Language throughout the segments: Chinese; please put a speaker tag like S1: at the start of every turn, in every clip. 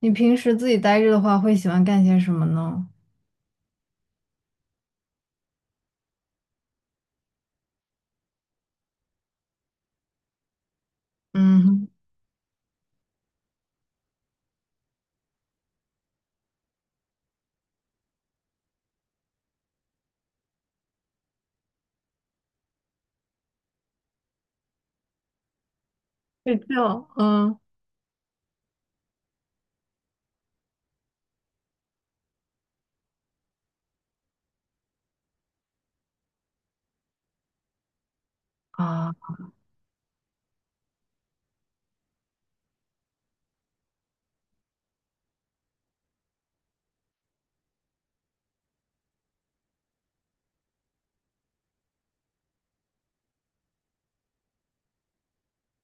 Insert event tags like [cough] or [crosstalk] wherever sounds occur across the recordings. S1: 你平时自己待着的话，会喜欢干些什么呢？嗯，睡觉，嗯，啊，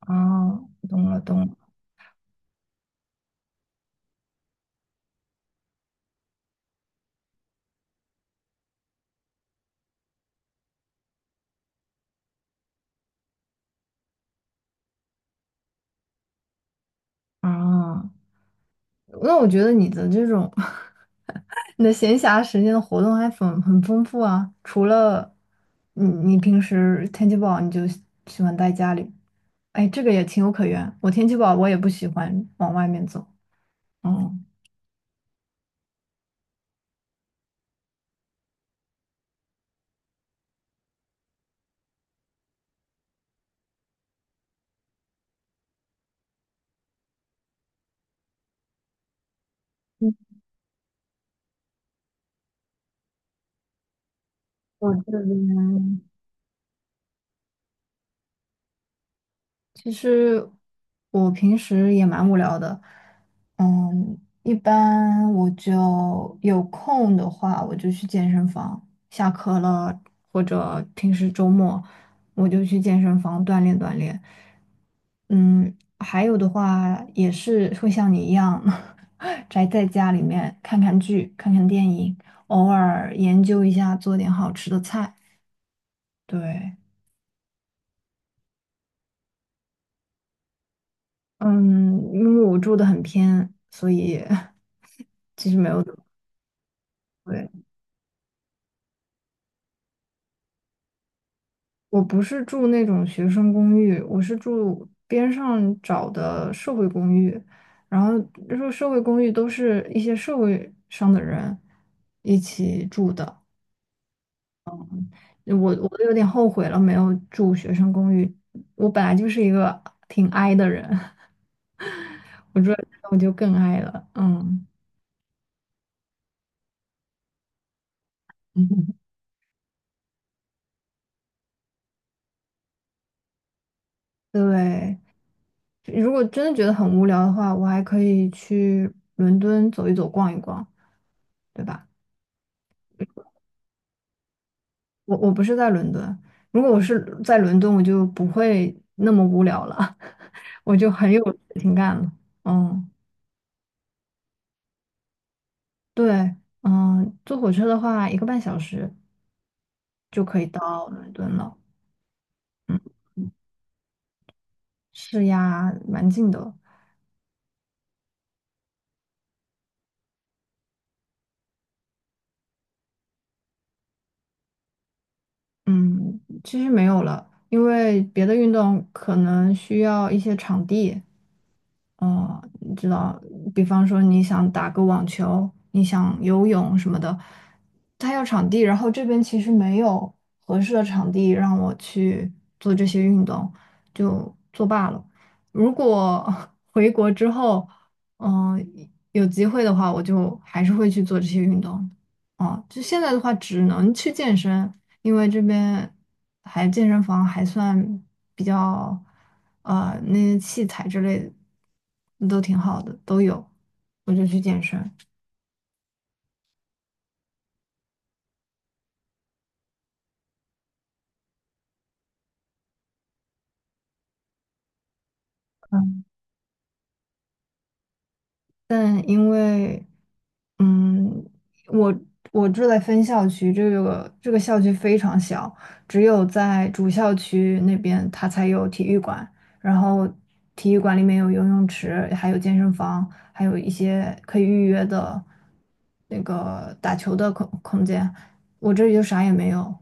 S1: 哦，懂了懂了，啊，那我觉得你的这种 [laughs] 你的闲暇时间的活动还很丰富啊。除了你平时天气不好你就喜欢待家里，哎，这个也情有可原。我天气不好，我也不喜欢往外面走。嗯嗯我这边。其实我平时也蛮无聊的，嗯，一般我就有空的话，我就去健身房。下课了，或者平时周末，我就去健身房锻炼锻炼。嗯，还有的话也是会像你一样，[laughs] 宅在家里面看看剧、看看电影，偶尔研究一下做点好吃的菜。对，嗯，因为我住的很偏，所以 [laughs] 其实没有怎么贵。我不是住那种学生公寓，我是住边上找的社会公寓。然后就说社会公寓都是一些社会上的人一起住的。我都有点后悔了，没有住学生公寓。我本来就是一个挺 i 的人，[laughs] 我住在这我就更 i 了。嗯，[laughs] 对。如果真的觉得很无聊的话，我还可以去伦敦走一走、逛一逛，对吧？我不是在伦敦，如果我是在伦敦，我就不会那么无聊了，[laughs] 我就很有事情感了。嗯，对，嗯，坐火车的话，1个半小时就可以到伦敦了。嗯，是呀，蛮近的。嗯，其实没有了，因为别的运动可能需要一些场地。哦，你知道，比方说你想打个网球，你想游泳什么的，他要场地，然后这边其实没有合适的场地让我去做这些运动，就作罢了。如果 [laughs] 回国之后，嗯、有机会的话，我就还是会去做这些运动。哦，就现在的话，只能去健身，因为这边还健身房还算比较，那些器材之类的都挺好的，都有，我就去健身。嗯，但因为嗯，我我住在分校区，这个校区非常小，只有在主校区那边它才有体育馆，然后体育馆里面有游泳池，还有健身房，还有一些可以预约的那个打球的空间。我这里就啥也没有，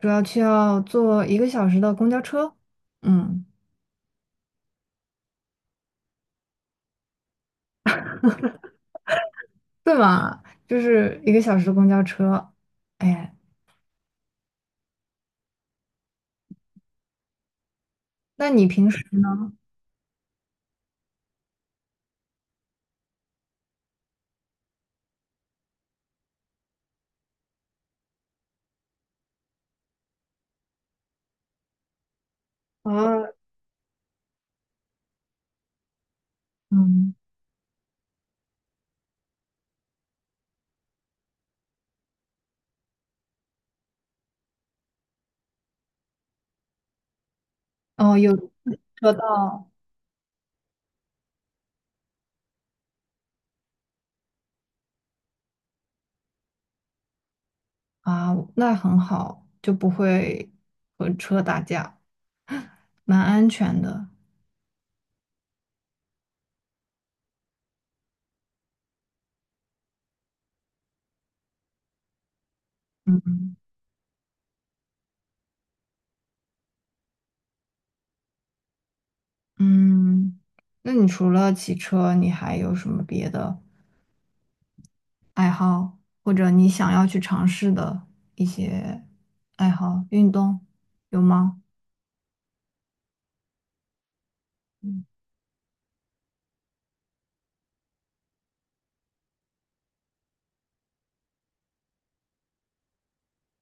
S1: 主要需要坐一个小时的公交车，嗯，对嘛，就是一个小时的公交车。哎，那你平时呢？啊，嗯。哦，有车道啊，那很好，就不会和车打架，蛮安全的。嗯嗯，那你除了骑车，你还有什么别的爱好，或者你想要去尝试的一些爱好、运动，有吗？嗯，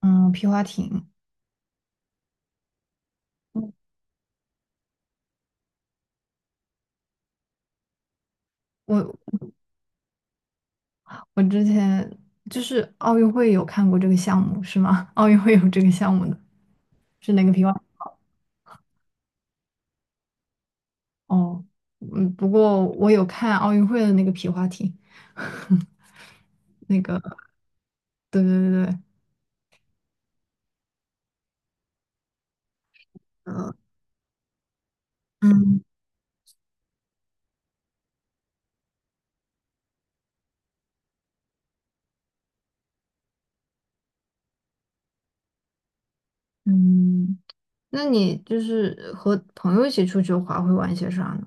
S1: 嗯皮划艇，嗯我我之前就是奥运会有看过这个项目，是吗？[laughs] 奥运会有这个项目的，是哪个皮划哦，嗯，不过我有看奥运会的那个皮划艇，[laughs] 那个，对对对对，呃，嗯嗯，那你就是和朋友一起出去滑会玩些啥呢？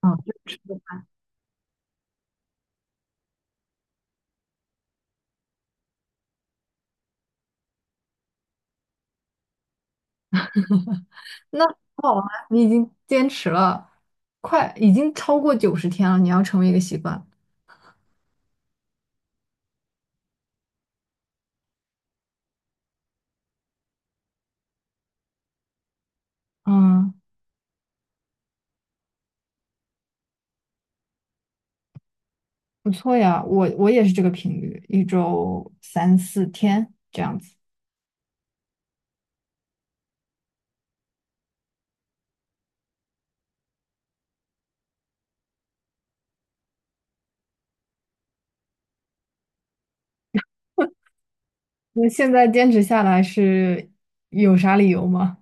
S1: 啊，就是 [laughs] 那很好啊，你已经坚持了，快，已经超过90天了，你要成为一个习惯。嗯，不错呀，我也是这个频率，一周3到4天这样子。那现在坚持下来是有啥理由吗？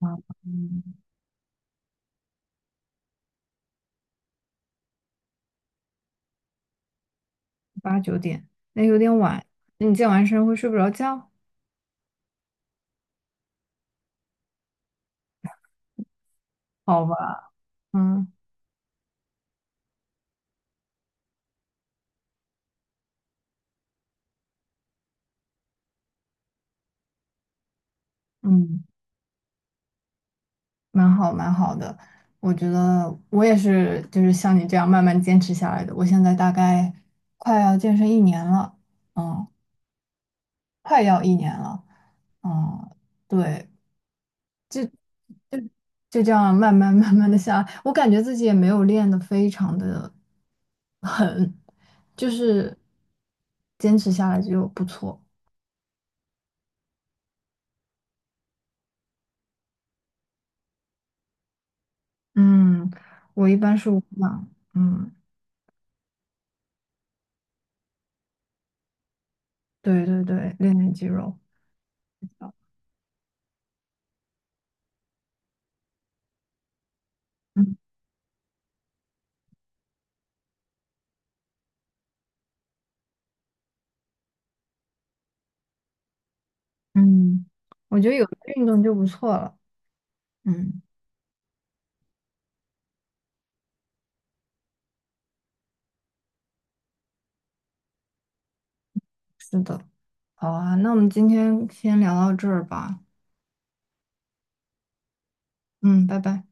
S1: 啊，嗯，八九点，那有点晚。那你健完身会睡不着觉？好吧，嗯嗯，蛮好蛮好的。我觉得我也是，就是像你这样慢慢坚持下来的。我现在大概快要健身一年了，嗯，快要一年了，嗯，对，就就这样慢慢慢慢的下来。我感觉自己也没有练得非常的狠，就是坚持下来就不错。嗯，我一般是无氧，嗯，对对对，练练肌肉，嗯嗯，我觉得有运动就不错了，嗯，是的，好啊，那我们今天先聊到这儿吧，嗯，拜拜。